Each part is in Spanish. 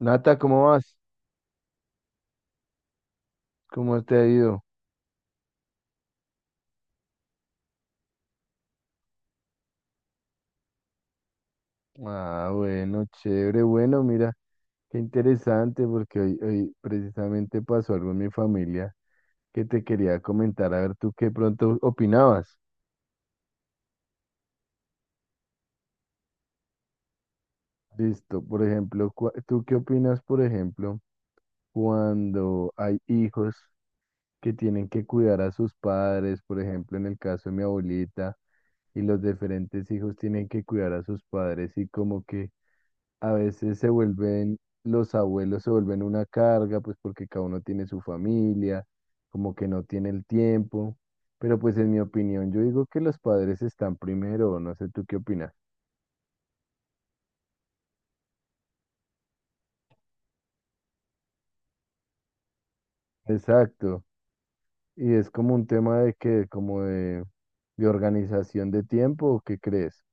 Nata, ¿cómo vas? ¿Cómo te ha ido? Ah, bueno, chévere, bueno, mira, qué interesante porque hoy precisamente pasó algo en mi familia que te quería comentar, a ver tú qué pronto opinabas. Listo, por ejemplo, ¿tú qué opinas, por ejemplo, cuando hay hijos que tienen que cuidar a sus padres, por ejemplo, en el caso de mi abuelita, y los diferentes hijos tienen que cuidar a sus padres y como que... a veces se vuelven, los abuelos se vuelven una carga, pues porque cada uno tiene su familia, como que no tiene el tiempo. Pero pues en mi opinión, yo digo que los padres están primero, no sé tú qué opinas. Exacto. Y es como un tema de que, como de organización de tiempo, ¿o ¿qué crees?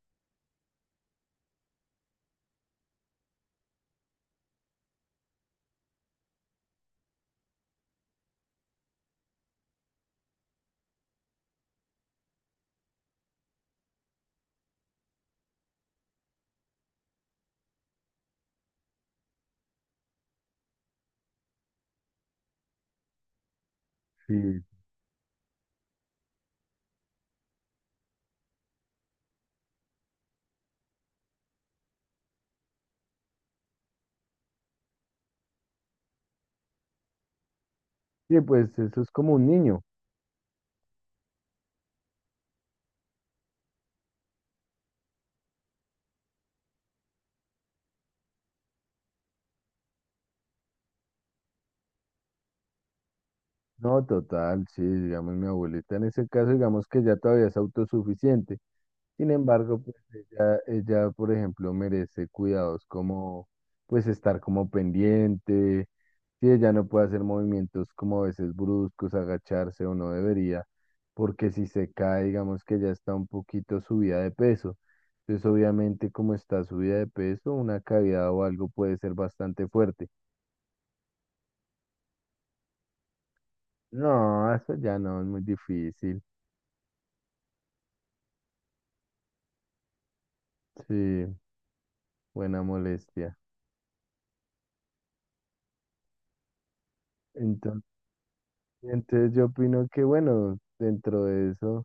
Sí. Sí, pues eso es como un niño. No, total, sí, digamos, mi abuelita en ese caso, digamos que ya todavía es autosuficiente. Sin embargo, pues ella, por ejemplo, merece cuidados como, pues estar como pendiente, si ella no puede hacer movimientos como a veces bruscos, agacharse o no debería, porque si se cae, digamos que ya está un poquito subida de peso. Entonces, obviamente, como está subida de peso, una caída o algo puede ser bastante fuerte. No, eso ya no, es muy difícil. Sí. Buena molestia. Entonces, entonces, yo opino que, bueno, dentro de eso,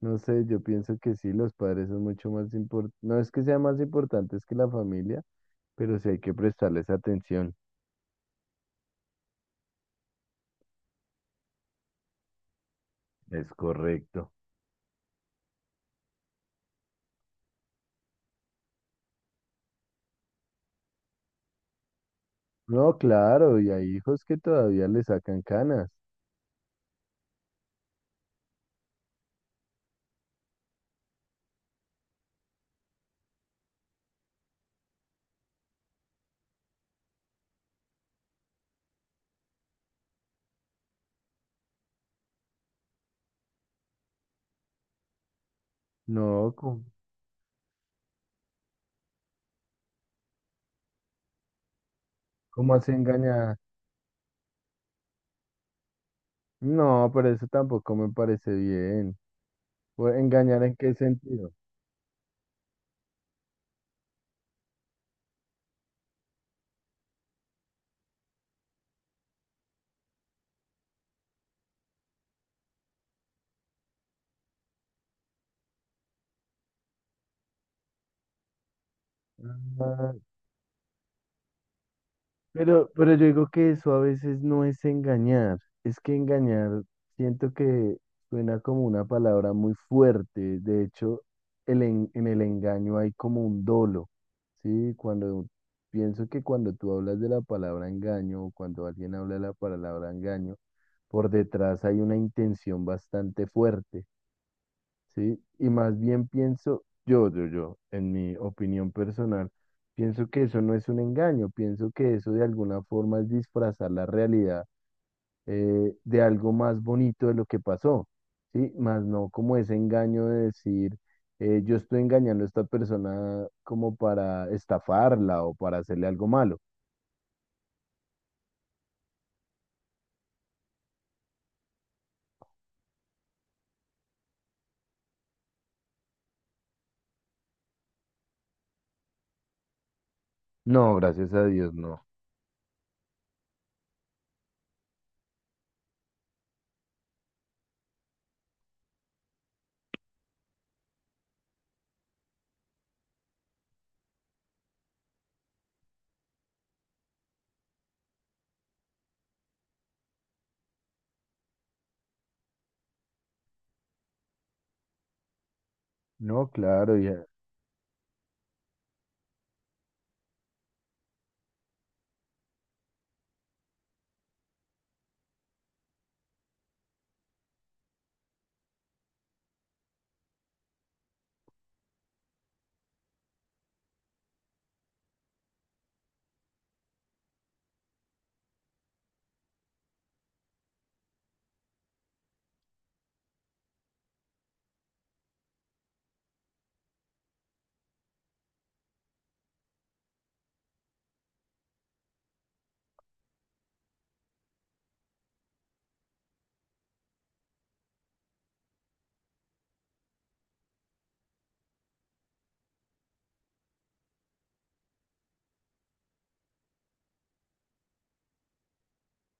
no sé, yo pienso que sí, los padres son mucho más importantes, no es que sean más importantes que la familia, pero sí hay que prestarles atención. Es correcto. No, claro, y hay hijos que todavía le sacan canas. No, ¿cómo, cómo así engañar? No, pero eso tampoco me parece bien. Pues, ¿engañar en qué sentido? Pero yo digo que eso a veces no es engañar, es que engañar siento que suena como una palabra muy fuerte, de hecho el en el engaño hay como un dolo, ¿sí? Cuando pienso que cuando tú hablas de la palabra engaño o cuando alguien habla de la palabra engaño, por detrás hay una intención bastante fuerte. Sí, y más bien pienso, yo, en mi opinión personal, pienso que eso no es un engaño, pienso que eso de alguna forma es disfrazar la realidad de algo más bonito de lo que pasó, ¿sí? Más no como ese engaño de decir, yo estoy engañando a esta persona como para estafarla o para hacerle algo malo. No, gracias a Dios, no. No, claro, ya,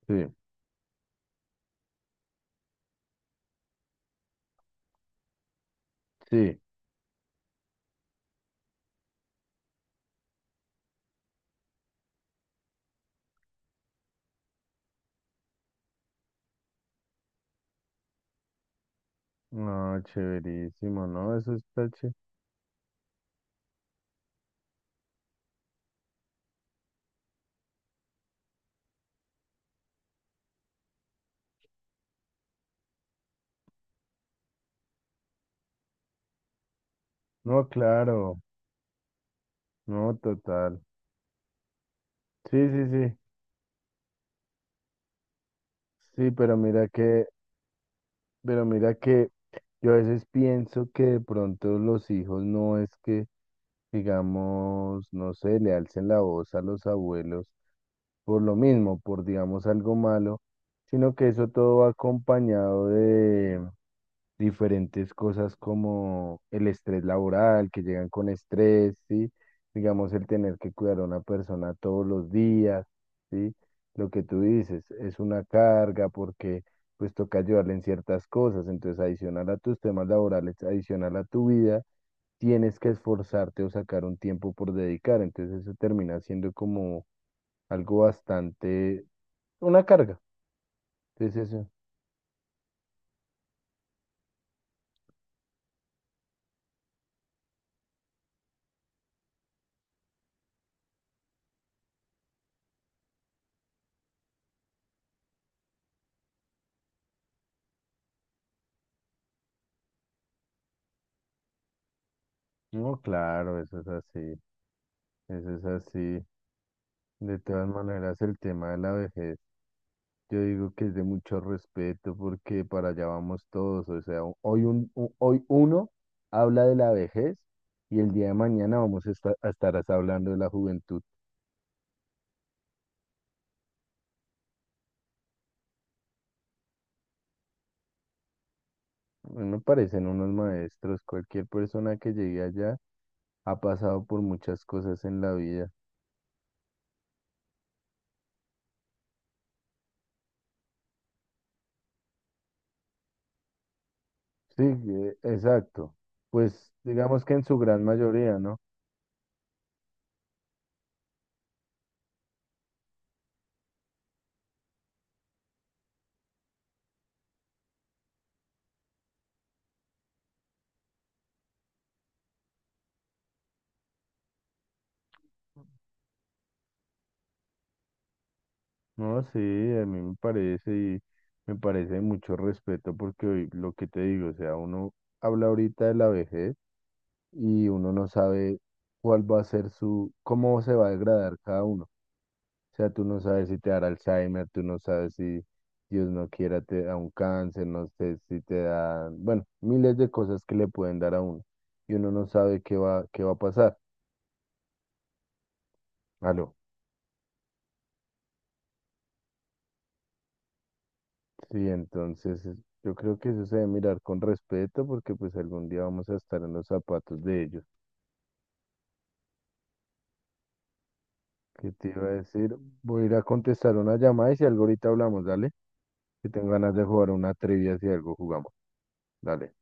sí, sí. No, chéverísimo, ¿no? Eso está chévere. No, claro. No, total. Sí, sí, sí. Sí, pero mira que, pero mira que yo a veces pienso que de pronto los hijos no es que, digamos, no sé, le alcen la voz a los abuelos por lo mismo, por digamos algo malo, sino que eso todo va acompañado de diferentes cosas como el estrés laboral, que llegan con estrés, ¿sí? Digamos, el tener que cuidar a una persona todos los días, ¿sí? Lo que tú dices es una carga porque pues toca ayudarle en ciertas cosas. Entonces, adicional a tus temas laborales, adicional a tu vida, tienes que esforzarte o sacar un tiempo por dedicar. Entonces, eso termina siendo como algo bastante, una carga. Entonces, eso, no, claro, eso es así, eso es así. De todas maneras, el tema de la vejez. Yo digo que es de mucho respeto porque para allá vamos todos. O sea, hoy, hoy uno habla de la vejez y el día de mañana vamos a estar, hablando de la juventud. A mí me parecen unos maestros. Cualquier persona que llegue allá ha pasado por muchas cosas en la vida. Sí, exacto. Pues digamos que en su gran mayoría, ¿no? No, sí, a mí me parece y me parece de mucho respeto porque hoy, lo que te digo, o sea, uno habla ahorita de la vejez. Y uno no sabe cuál va a ser su, cómo se va a degradar cada uno. O sea, tú no sabes si te dará Alzheimer, tú no sabes si Dios no quiera te da un cáncer, no sé si te da, bueno, miles de cosas que le pueden dar a uno y uno no sabe qué va a pasar. Aló. Sí, yo creo que eso se debe mirar con respeto porque pues algún día vamos a estar en los zapatos de ellos. ¿Qué te iba a decir? Voy a ir a contestar una llamada y si algo ahorita hablamos, dale. Que tengo ganas de jugar una trivia, si algo jugamos. Dale.